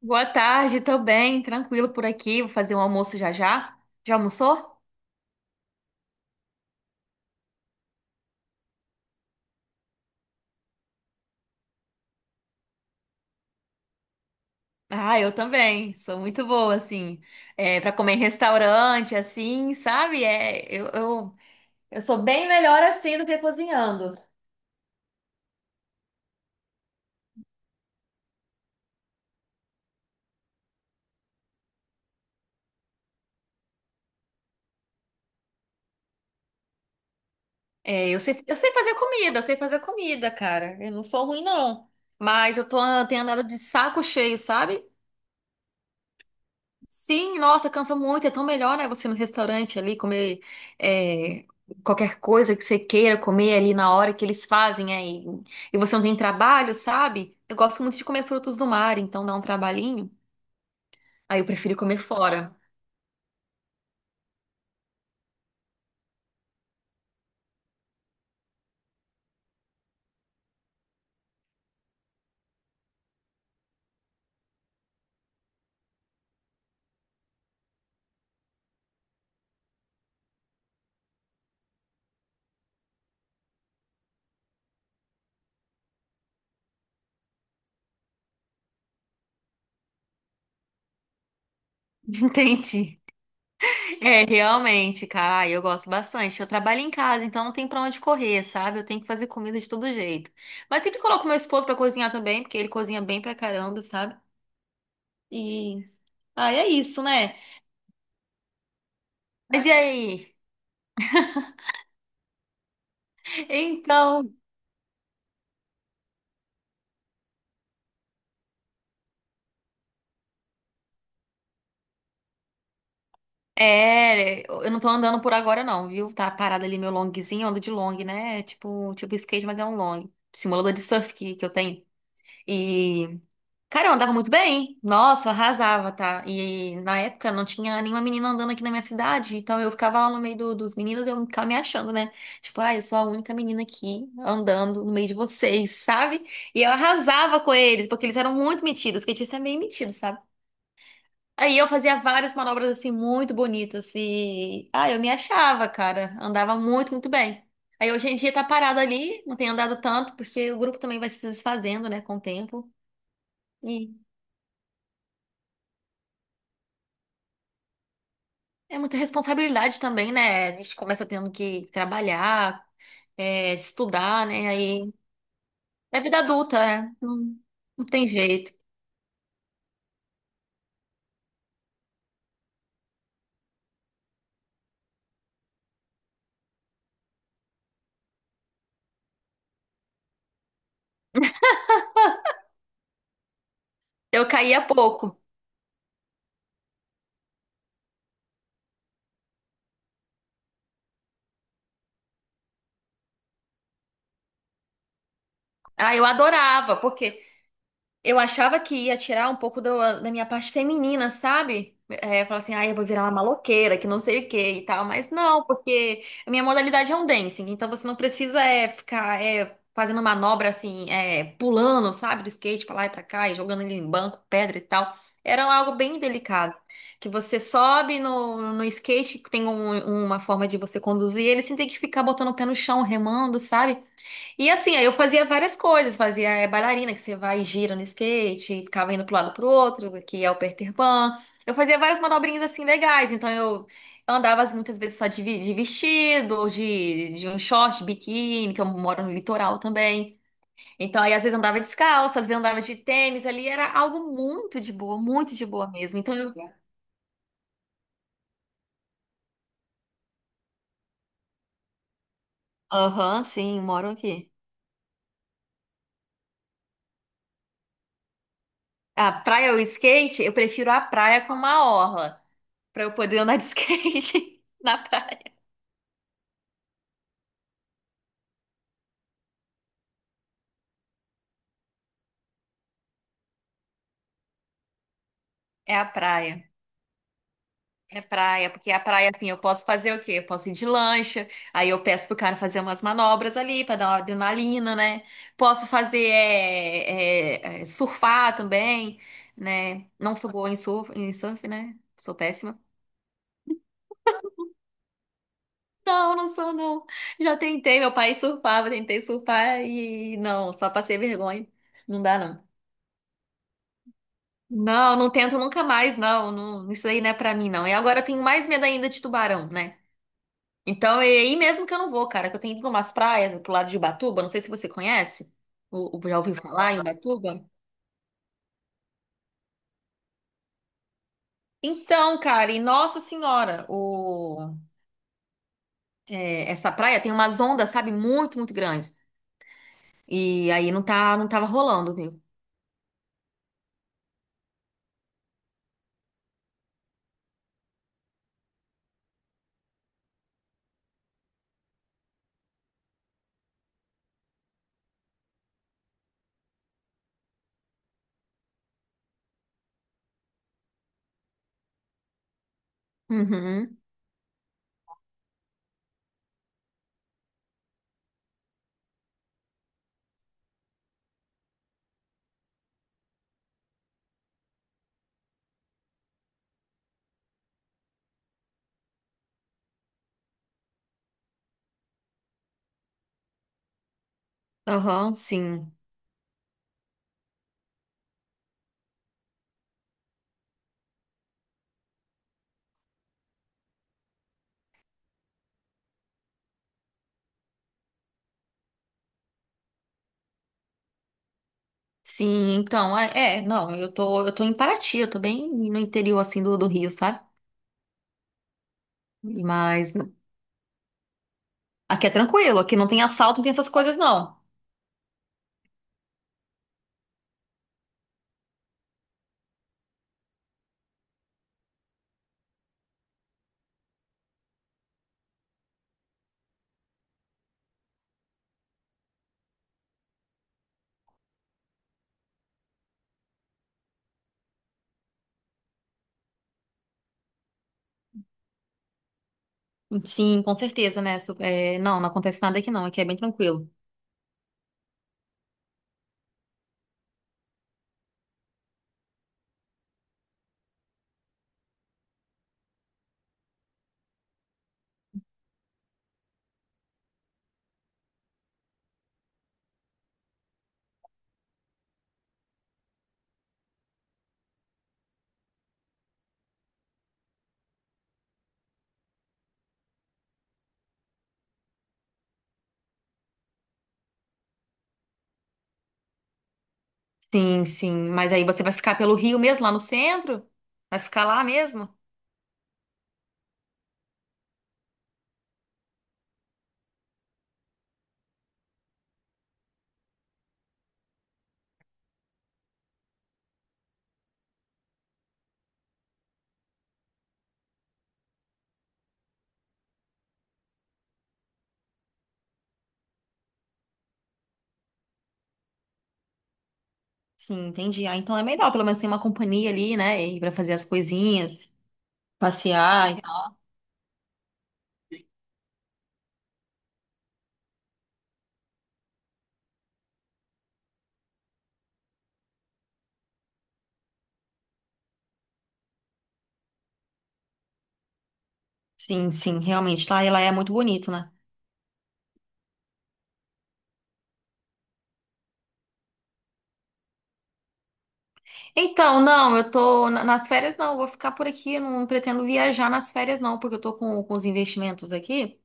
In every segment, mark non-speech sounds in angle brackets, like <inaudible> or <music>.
Boa tarde, tô bem, tranquilo por aqui. Vou fazer um almoço já já. Já almoçou? Ah, eu também. Sou muito boa, assim, é, para comer em restaurante, assim, sabe? É, eu sou bem melhor assim do que cozinhando. É, eu sei, eu sei fazer comida, cara. Eu não sou ruim, não. Mas eu tenho andado de saco cheio, sabe? Sim, nossa, cansa muito. É tão melhor, né? Você ir no restaurante ali comer é, qualquer coisa que você queira comer ali na hora que eles fazem aí. E você não tem trabalho, sabe? Eu gosto muito de comer frutos do mar, então dá um trabalhinho. Aí eu prefiro comer fora. <laughs> Entendi. É, realmente, cara, eu gosto bastante. Eu trabalho em casa, então não tem pra onde correr, sabe? Eu tenho que fazer comida de todo jeito. Mas sempre coloco meu esposo pra cozinhar também, porque ele cozinha bem pra caramba, sabe? E. Ah, é isso, né? Mas e aí? Então, é, eu não tô andando por agora não, viu? Tá parado ali meu longzinho, eu ando de long, né? É tipo, tipo skate, mas é um long. Simulador de surf que eu tenho. E, cara, eu andava muito bem. Nossa, eu arrasava, tá? E na época não tinha nenhuma menina andando aqui na minha cidade, então eu ficava lá no meio dos meninos e eu ficava me achando, né? Tipo, ah, eu sou a única menina aqui andando no meio de vocês, sabe? E eu arrasava com eles, porque eles eram muito metidos. Skatista é meio metido, sabe? Aí eu fazia várias manobras assim muito bonitas e ah, eu me achava, cara, andava muito, muito bem. Aí hoje em dia tá parado ali, não tem andado tanto porque o grupo também vai se desfazendo, né, com o tempo. E é muita responsabilidade também, né? A gente começa tendo que trabalhar, é, estudar, né? Aí é vida adulta, é. Não, não tem jeito. Eu caía pouco. Ah, eu adorava, porque eu achava que ia tirar um pouco da minha parte feminina, sabe? É, falar assim, ah, eu vou virar uma maloqueira, que não sei o que e tal. Mas não, porque a minha modalidade é um dancing, então você não precisa é, ficar é, fazendo manobra assim, é, pulando, sabe, do skate pra lá e pra cá, e jogando ele em banco, pedra e tal. Era algo bem delicado, que você sobe no skate, que tem uma forma de você conduzir ele, sem ter que ficar botando o pé no chão, remando, sabe? E assim, aí eu fazia várias coisas, fazia eh, bailarina, que você vai e gira no skate, ficava indo pro lado pro outro, que é o Peter Pan. Eu fazia várias manobrinhas assim legais, então eu andava assim, muitas vezes só de vestido, ou de um short, biquíni, que eu moro no litoral também. Então aí às vezes andava descalça, às vezes andava de tênis, ali era algo muito de boa mesmo. Então eu, aham, sim, moro aqui. A praia ou skate, eu prefiro a praia com uma orla, pra eu poder andar de skate. <laughs> Na praia. É a praia. É praia, porque a praia, assim, eu posso fazer o quê? Eu posso ir de lancha, aí eu peço pro cara fazer umas manobras ali pra dar uma adrenalina, né? Posso fazer é, surfar também, né? Não sou boa em surf, né? Sou péssima. Não, não sou, não. Já tentei, meu pai surfava, tentei surfar e não, só passei vergonha. Não dá, não. Não, não tento nunca mais, não. Não, isso aí não é pra mim, não. E agora eu tenho mais medo ainda de tubarão, né? Então, é aí mesmo que eu não vou, cara, que eu tenho ido umas praias pro lado de Ubatuba, não sei se você conhece, já ouviu falar em Ubatuba? Então, cara, e Nossa Senhora, o, é, essa praia tem umas ondas, sabe, muito, muito grandes. E aí não tava rolando, viu? Uhum, aham, sim. Sim, então, não, eu tô em Paraty, eu tô bem no interior, assim, do Rio, sabe? Mas aqui é tranquilo, aqui não tem assalto, não tem essas coisas, não. Sim, com certeza, né? Su- é, não, não acontece nada aqui não, aqui é bem tranquilo. Sim, sim, mas aí você vai ficar pelo Rio mesmo, lá no centro? Vai ficar lá mesmo? Sim, entendi. Ah, então é melhor, pelo menos tem uma companhia ali, né? E pra fazer as coisinhas, passear e tal. Sim, sim, realmente, lá ela é muito bonito, né? Então, não, eu tô nas férias não, eu vou ficar por aqui, eu não pretendo viajar nas férias não, porque eu tô com os investimentos aqui.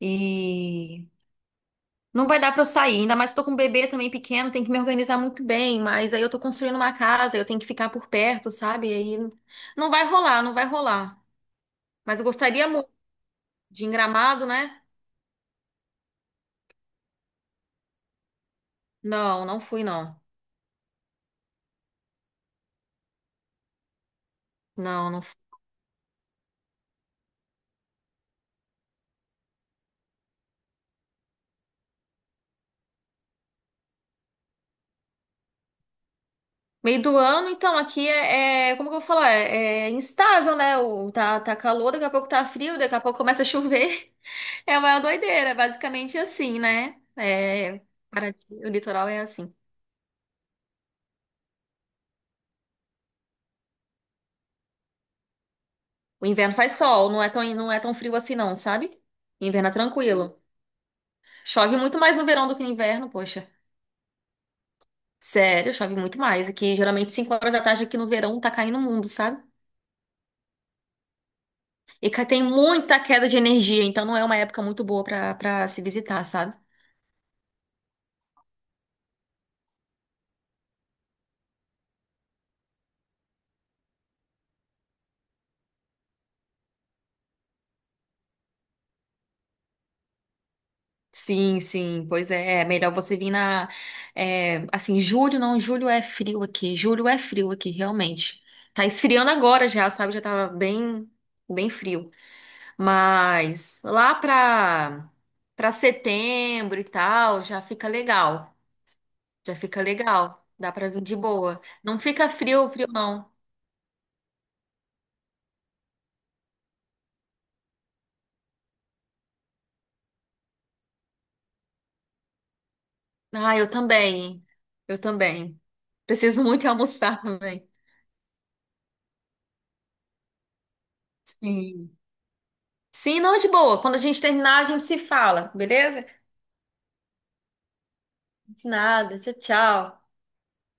E não vai dar pra eu sair, ainda mais que eu tô com um bebê também pequeno, tem que me organizar muito bem, mas aí eu tô construindo uma casa, eu tenho que ficar por perto, sabe? Aí não vai rolar, não vai rolar. Mas eu gostaria muito de ir em Gramado, né? Não, não fui, não. Não, não fui. Meio do ano, então, aqui é, como que eu vou falar? É, é instável, né? O, tá, tá calor, daqui a pouco tá frio, daqui a pouco começa a chover. <laughs> É uma doideira, basicamente assim, né? É, Paraty, o litoral é assim. O inverno faz sol, não é tão, não é tão frio assim não, sabe? Inverno é tranquilo. Chove muito mais no verão do que no inverno, poxa. Sério, chove muito mais. Aqui, geralmente, 5 horas da tarde aqui no verão tá caindo o mundo, sabe? E ca- tem muita queda de energia, então não é uma época muito boa pra se visitar, sabe? Sim, sim, pois é. É melhor você vir na. É, assim, julho não, julho é frio aqui. Julho é frio aqui, realmente. Tá esfriando agora já, sabe? Já tava bem, bem frio. Mas lá para para setembro e tal, já fica legal. Já fica legal. Dá para vir de boa. Não fica frio, frio não. Ah, eu também. Eu também. Preciso muito <laughs> almoçar também. Sim. Sim, não de boa. Quando a gente terminar, a gente se fala, beleza? De nada. Tchau, tchau.